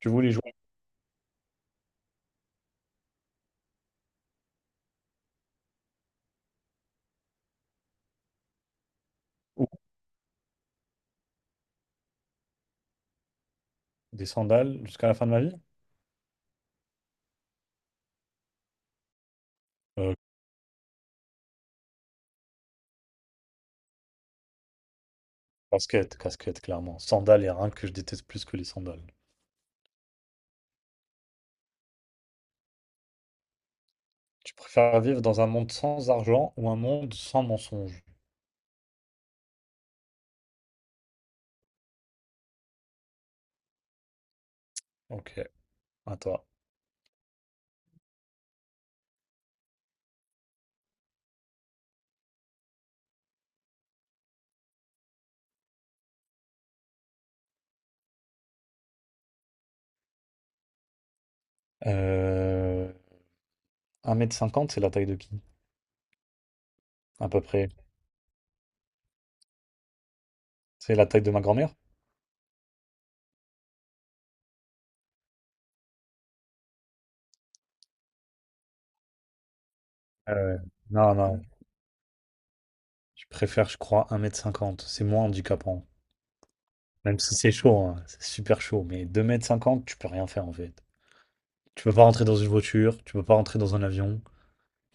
Tu voulais jouer où? Des sandales jusqu'à la fin de ma vie? Euh, casquette, casquette, clairement. Sandales, il n'y a rien que je déteste plus que les sandales. Tu préfères vivre dans un monde sans argent ou un monde sans mensonges? Ok, à toi. Euh... 1 m 50, c'est la taille de qui? À peu près. C'est la taille de ma grand-mère? Euh, non, non. Je préfère, je crois, un mètre cinquante. C'est moins handicapant. Même si c'est chaud, hein, c'est super chaud. Mais deux mètres cinquante, tu peux rien faire en fait. Tu peux pas rentrer dans une voiture, tu peux pas rentrer dans un avion,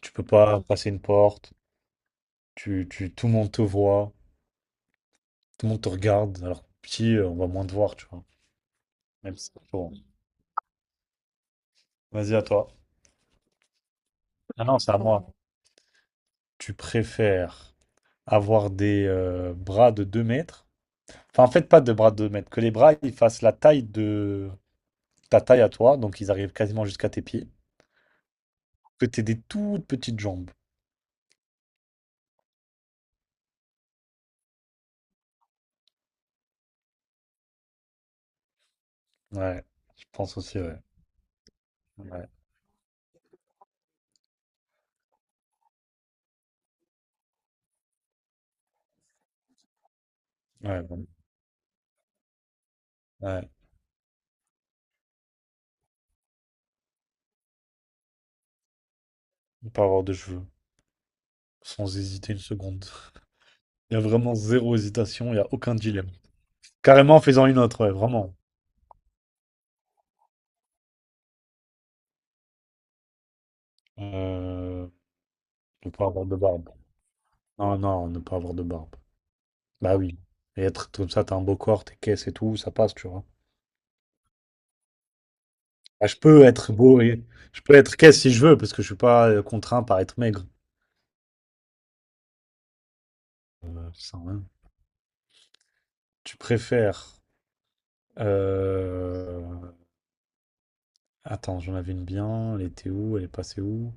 tu peux pas passer une porte. Tu, tout le monde te voit, tout le monde te regarde, alors que petit, on va moins te voir, tu vois. Même si c'est Vas-y, à toi. Ah non, c'est à moi. Tu préfères avoir des bras de 2 mètres. Enfin, en fait, pas de bras de deux mètres. Que les bras, ils fassent la taille de ta taille à toi, donc ils arrivent quasiment jusqu'à tes pieds. Que t'aies des toutes petites jambes. Ouais, je pense aussi, ouais. Ouais, ouais, bon. Ouais. Ne pas avoir de cheveux. Sans hésiter une seconde. Il y a vraiment zéro hésitation, il n'y a aucun dilemme. Carrément en faisant une autre, ouais, vraiment. Euh, ne pas avoir de barbe. Non, non, ne pas avoir de barbe. Bah oui. Et être comme ça, t'as un beau corps, t'es caisse et tout, ça passe, tu vois. Bah, je peux être beau et je peux être caisse si je veux, parce que je suis pas contraint par être maigre. Ça, hein. Tu préfères. Euh, Attends, j'en avais une bien. Elle était où? Elle est passée où?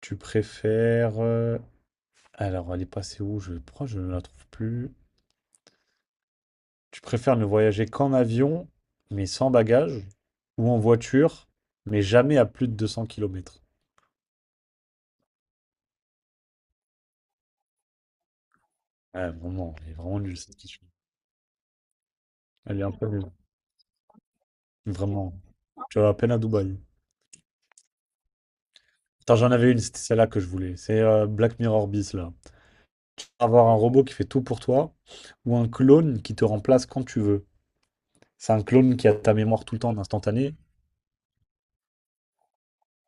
Tu préfères. Alors, elle est passée où? Pourquoi je ne la trouve plus? Tu préfères ne voyager qu'en avion, mais sans bagages, ou en voiture, mais jamais à plus de 200 km. Ouais, vraiment, elle est vraiment nulle cette question. Elle est un peu nulle. Vraiment. Tu vas à peine à Dubaï. Attends, j'en avais une, c'était celle-là que je voulais. C'est Black Mirror bis, là. Avoir un robot qui fait tout pour toi, ou un clone qui te remplace quand tu veux. C'est un clone qui a ta mémoire tout le temps en instantané.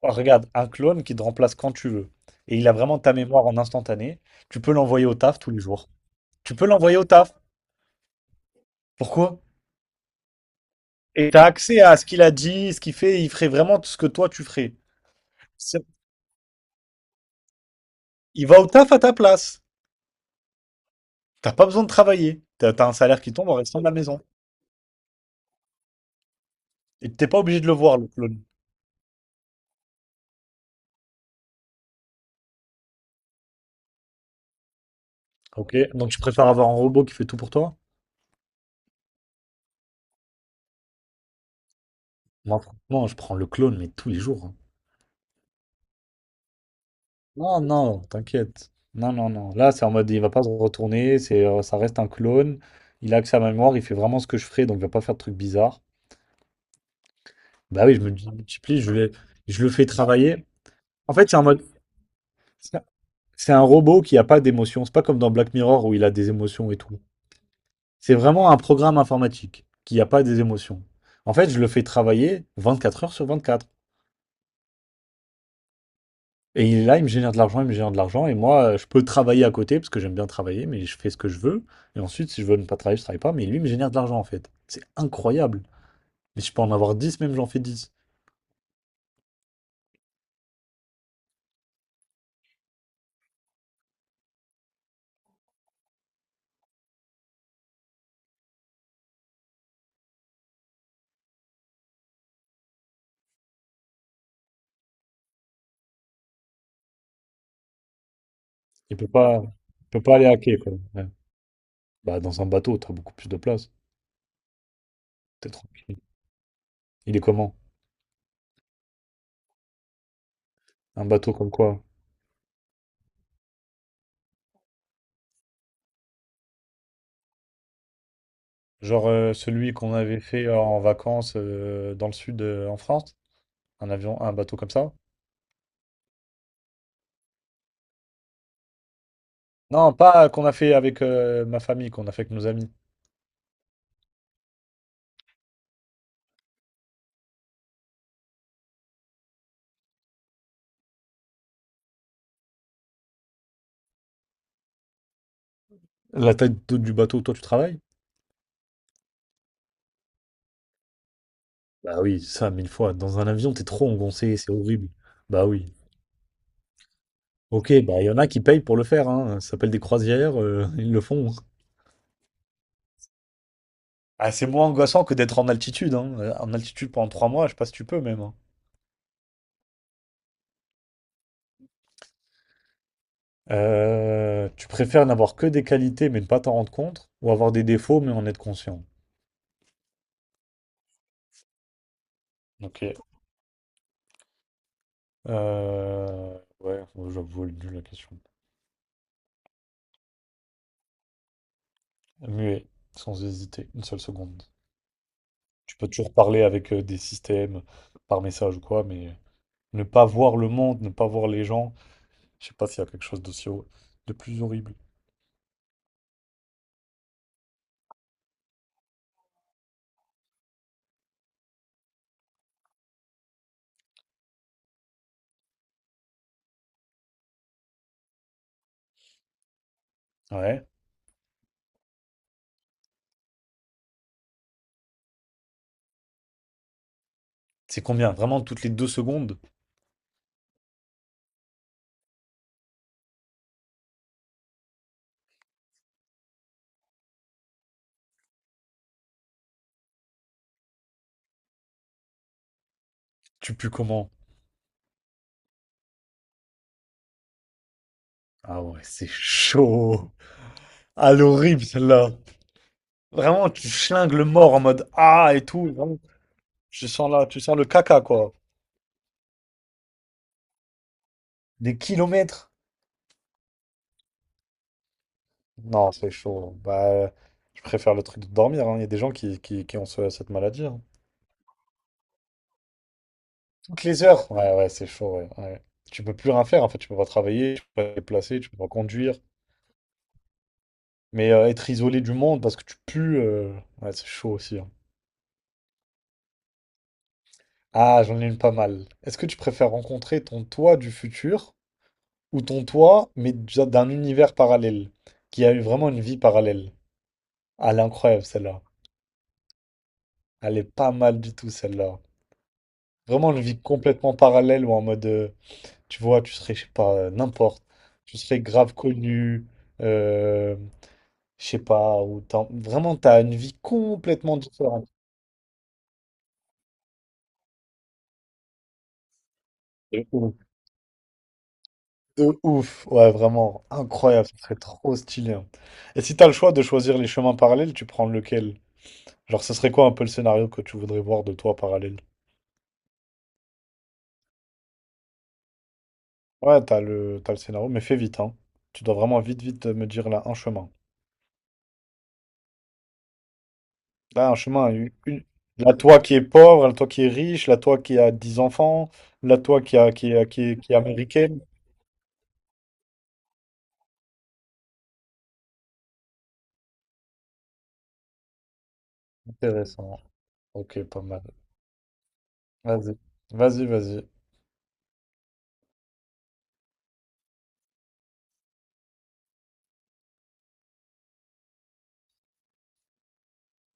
Oh, regarde, un clone qui te remplace quand tu veux. Et il a vraiment ta mémoire en instantané. Tu peux l'envoyer au taf tous les jours. Tu peux l'envoyer au taf. Pourquoi? Et tu as accès à ce qu'il a dit, ce qu'il fait, il ferait vraiment tout ce que toi tu ferais. C'est- Il va au taf à ta place. T'as pas besoin de travailler. T'as un salaire qui tombe en restant de la maison. Et t'es pas obligé de le voir, le clone. Ok, donc tu préfères avoir un robot qui fait tout pour toi? Moi, franchement, je prends le clone, mais tous les jours, hein. Non, non, t'inquiète. Non, non, non. Là, c'est en mode, il va pas se retourner, ça reste un clone. Il a accès à ma mémoire, il fait vraiment ce que je ferais, donc il va pas faire de trucs bizarres. Bah oui, je me multiplie, je le fais travailler. En fait, c'est en mode, c'est un robot qui n'a pas d'émotion. C'est pas comme dans Black Mirror où il a des émotions et tout. C'est vraiment un programme informatique qui n'a pas des émotions. En fait, je le fais travailler 24 heures sur 24. Et il est là, il me génère de l'argent, il me génère de l'argent. Et moi, je peux travailler à côté parce que j'aime bien travailler, mais je fais ce que je veux. Et ensuite, si je veux ne pas travailler, je travaille pas. Mais lui, il me génère de l'argent en fait. C'est incroyable. Mais si je peux en avoir dix, même j'en fais dix. Il peut pas, il peut pas aller hacker quoi. Ouais. Bah, dans un bateau, tu as beaucoup plus de place. T'es tranquille. Il est comment? Un bateau comme quoi? Genre celui qu'on avait fait en vacances dans le sud en France, un avion, un bateau comme ça. Non, pas qu'on a fait avec ma famille, qu'on a fait avec nos amis. La taille du bateau où toi tu travailles? Bah oui, ça, mille fois. Dans un avion, t'es trop engoncé, c'est horrible. Bah oui. Ok, bah il y en a qui payent pour le faire, hein. Ça s'appelle des croisières, ils le font. Ah, c'est moins angoissant que d'être en altitude, hein. En altitude pendant trois mois, je sais pas si tu peux même, hein. Tu préfères n'avoir que des qualités mais ne pas t'en rendre compte, ou avoir des défauts mais en être conscient? Ok. Euh, ouais, j'avoue, elle est nulle, la question. Muet, sans hésiter, une seule seconde. Tu peux toujours parler avec des systèmes par message ou quoi, mais ne pas voir le monde, ne pas voir les gens, je sais pas s'il y a quelque chose d'aussi de plus horrible. Ouais. C'est combien? Vraiment, toutes les deux secondes, tu pues comment? Ah ouais, c'est chaud. Ah, l'horrible celle-là. Vraiment, tu chlingues le mort en mode ah et tout. Vraiment, tu sens là, tu sens le caca, quoi. Des kilomètres. Non, c'est chaud. Bah, je préfère le truc de dormir, hein. Il y a des gens qui ont cette maladie, hein. Toutes les heures. Ouais, ouais, c'est chaud, ouais, ouais. Tu peux plus rien faire, en fait. Tu peux pas travailler, tu peux pas te déplacer, tu peux pas conduire. Mais être isolé du monde parce que tu pues, ouais, c'est chaud aussi, hein. Ah, j'en ai une pas mal. Est-ce que tu préfères rencontrer ton toi du futur ou ton toi, mais déjà d'un univers parallèle, qui a eu vraiment une vie parallèle? Ah, elle est incroyable, celle-là. Elle est pas mal du tout, celle-là. Vraiment une vie complètement parallèle ou en mode... Tu vois, tu serais, je sais pas, n'importe. Tu serais grave connu, euh, je sais pas, ou vraiment, t'as une vie complètement différente. De ouf. De ouf. Ouais, vraiment, incroyable, ce serait trop stylé, hein. Et si t'as le choix de choisir les chemins parallèles, tu prends lequel? Genre, ce serait quoi un peu le scénario que tu voudrais voir de toi parallèle? Ouais, t'as le scénario, mais fais vite, hein. Tu dois vraiment vite, vite me dire là un chemin. Là, un chemin, la toi qui est pauvre, la toi qui est riche, la toi qui a 10 enfants, la toi qui est américaine. Intéressant. Ok, pas mal. Vas-y, vas-y, vas-y.